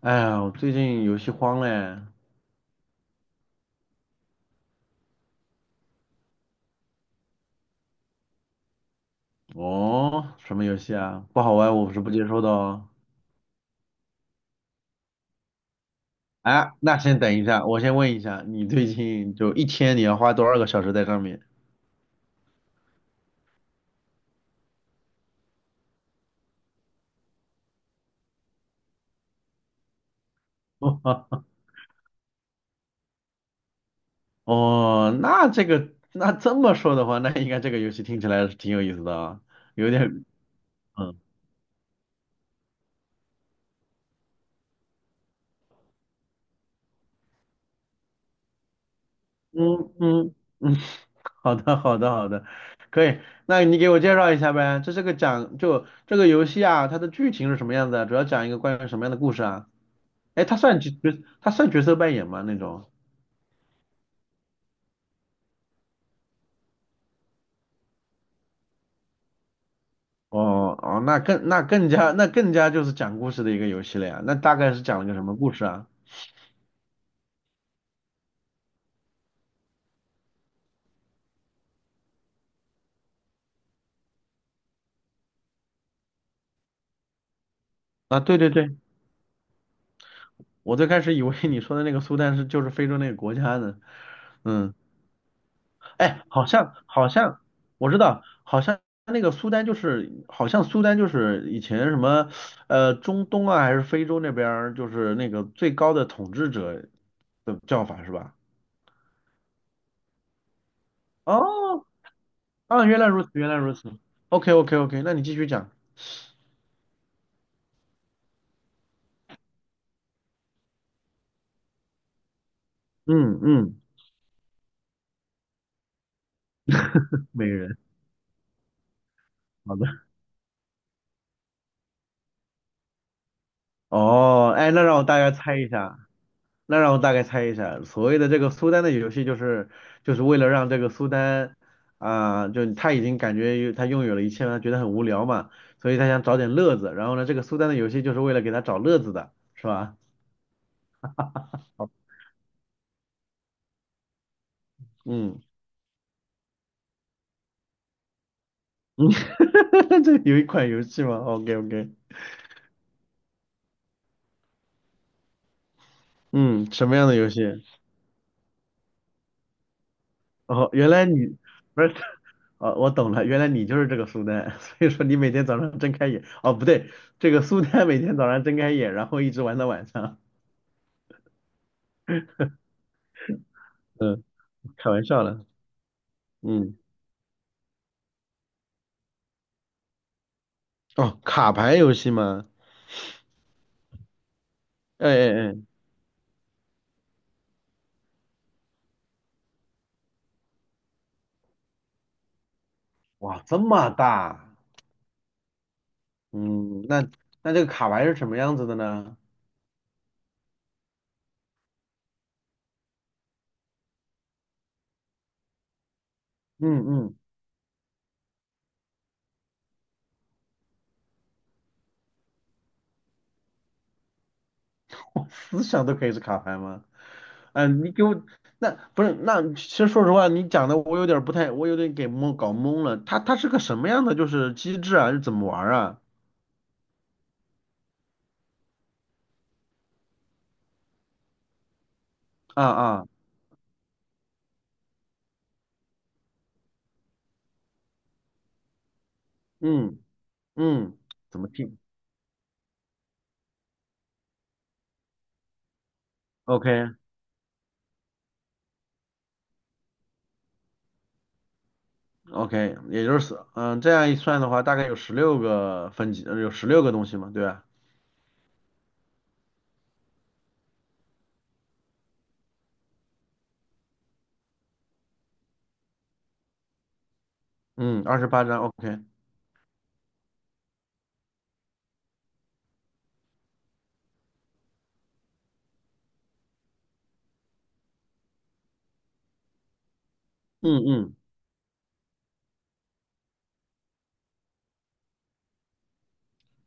哎呀，我最近游戏荒嘞。哦，什么游戏啊？不好玩，我是不接受的哦。哎，那先等一下，我先问一下，你最近就一天你要花多少个小时在上面？哦，那这个，那这么说的话，那应该这个游戏听起来是挺有意思的啊，有点，嗯嗯嗯嗯，好的好的好的，可以，那你给我介绍一下呗，这是个讲，就这个游戏啊，它的剧情是什么样子啊？主要讲一个关于什么样的故事啊？哎，他算角色扮演吗？那种？哦哦，那更那更加那更加就是讲故事的一个游戏了呀。那大概是讲了个什么故事啊？啊，对对对，我最开始以为你说的那个苏丹是就是非洲那个国家呢。嗯，哎，好像我知道，好像那个苏丹就是好像苏丹就是以前什么中东啊还是非洲那边儿就是那个最高的统治者的叫法是吧？哦啊，原来如此，原来如此。OK OK OK 那你继续讲。嗯嗯，美人，好的。哦，哎，那让我大概猜一下，所谓的这个苏丹的游戏，就是为了让这个苏丹啊、就他已经感觉他拥有了一切，他觉得很无聊嘛，所以他想找点乐子。然后呢，这个苏丹的游戏就是为了给他找乐子的，是吧？嗯嗯，这有一款游戏吗？OK OK，嗯，什么样的游戏？哦，原来你不是哦，我懂了，原来你就是这个苏丹，所以说你每天早上睁开眼，哦，不对，这个苏丹每天早上睁开眼，然后一直玩到晚上。嗯，开玩笑了。嗯，哦，卡牌游戏吗？哎哎哎，哇，这么大，嗯，那这个卡牌是什么样子的呢？嗯嗯，我思想都可以是卡牌吗？嗯，你给我，那不是，那其实说实话，你讲的我有点儿不太，我有点给蒙搞懵了。它是个什么样的就是机制啊？是怎么玩儿啊？啊？啊嗯嗯，怎么定 o k OK，也就是嗯，这样一算的话，大概有十六个分级，有十六个东西嘛，对吧？嗯，28章，OK，嗯嗯，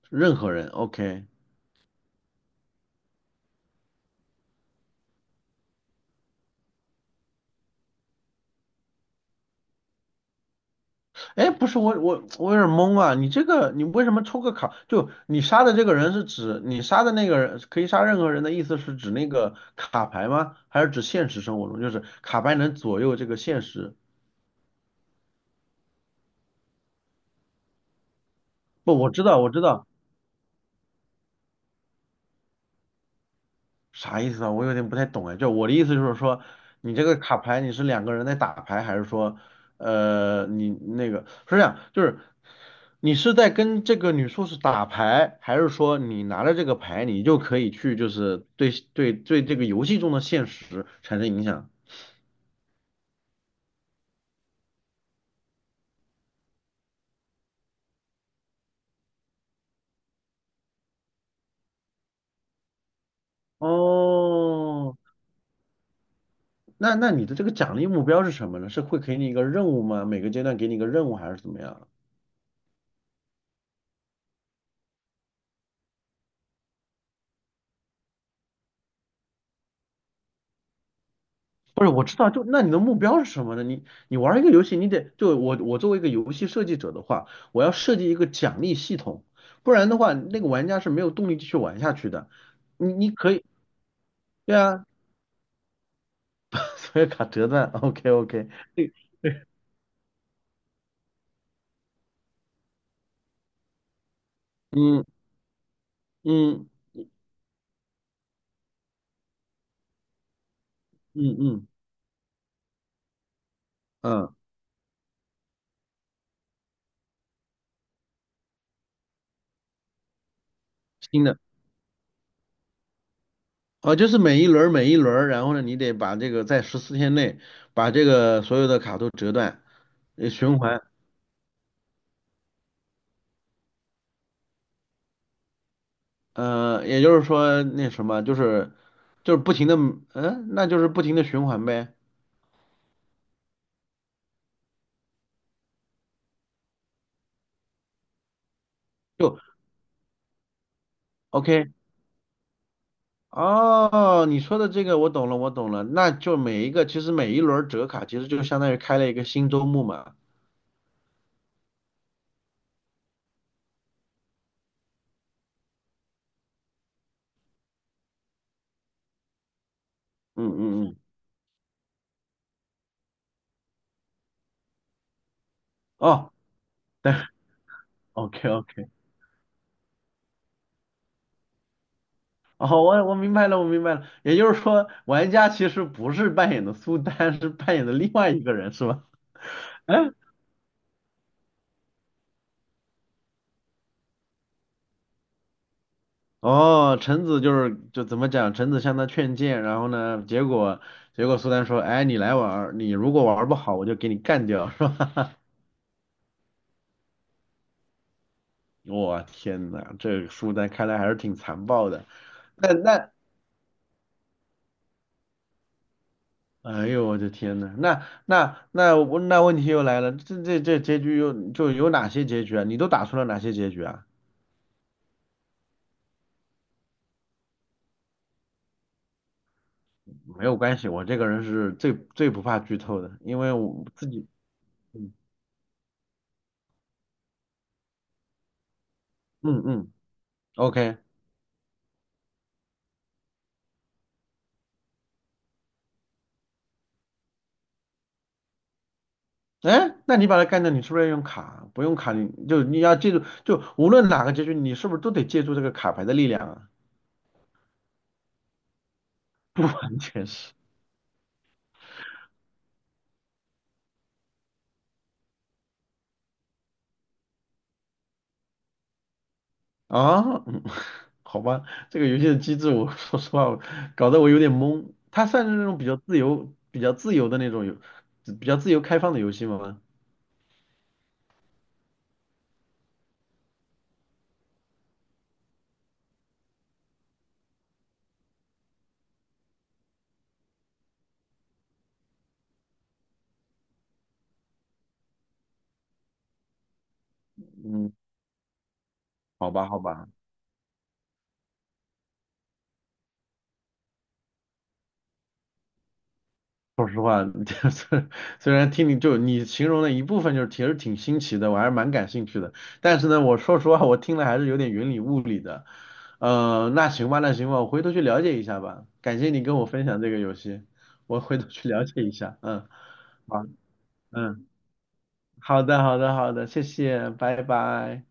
任何人，OK。哎，不是我有点懵啊，你这个你为什么抽个卡？就你杀的这个人是指你杀的那个人可以杀任何人的意思是指那个卡牌吗？还是指现实生活中就是卡牌能左右这个现实？不，我知道，啥意思啊？我有点不太懂哎。就我的意思就是说，你这个卡牌你是两个人在打牌，还是说，你那个是这样，就是你是在跟这个女术士打牌，还是说你拿着这个牌，你就可以去就是对这个游戏中的现实产生影响？哦，那你的这个奖励目标是什么呢？是会给你一个任务吗？每个阶段给你一个任务还是怎么样？不是，我知道，就那你的目标是什么呢？你你玩一个游戏，你得就我作为一个游戏设计者的话，我要设计一个奖励系统，不然的话，那个玩家是没有动力继续玩下去的。你你可以，对啊，所有卡折断，OK OK，对，嗯嗯嗯嗯嗯，新的，哦，就是每一轮儿，然后呢，你得把这个在14天内把这个所有的卡都折断，循环。嗯，也就是说那什么，就是不停的，嗯，那就是不停的循环呗。就 OK，哦，你说的这个我懂了，我懂了。那就每一轮折卡其实就相当于开了一个新周目嘛。嗯嗯嗯，哦，OK OK，哦，我明白了，我明白了。也就是说，玩家其实不是扮演的苏丹，是扮演的另外一个人，是吧？哦，臣子就是就怎么讲，臣子向他劝谏，然后呢，结果苏丹说，哎，你来玩儿你如果玩儿不好，我就给你干掉，是吧？我天呐，这个苏丹看来还是挺残暴的。那那，哎呦我的天呐，那问题又来了，这结局又就有哪些结局啊？你都打出了哪些结局啊？没有关系，我这个人是最不怕剧透的，因为我自己，嗯嗯，OK。哎，那你把它干掉，你是不是要用卡？不用卡，你就你要记住，就无论哪个结局，你是不是都得借助这个卡牌的力量啊？不完全是啊，嗯，好吧，这个游戏的机制我，说实话，我搞得我有点懵。它算是那种比较自由开放的游戏吗？嗯，好吧，好吧。说实话，就是虽然听你就你形容的一部分，就是其实挺新奇的，我还是蛮感兴趣的。但是呢，我说实话，我听了还是有点云里雾里的。那行吧，我回头去了解一下吧。感谢你跟我分享这个游戏，我回头去了解一下。嗯，好，嗯，好的，好的，好的，谢谢，拜拜。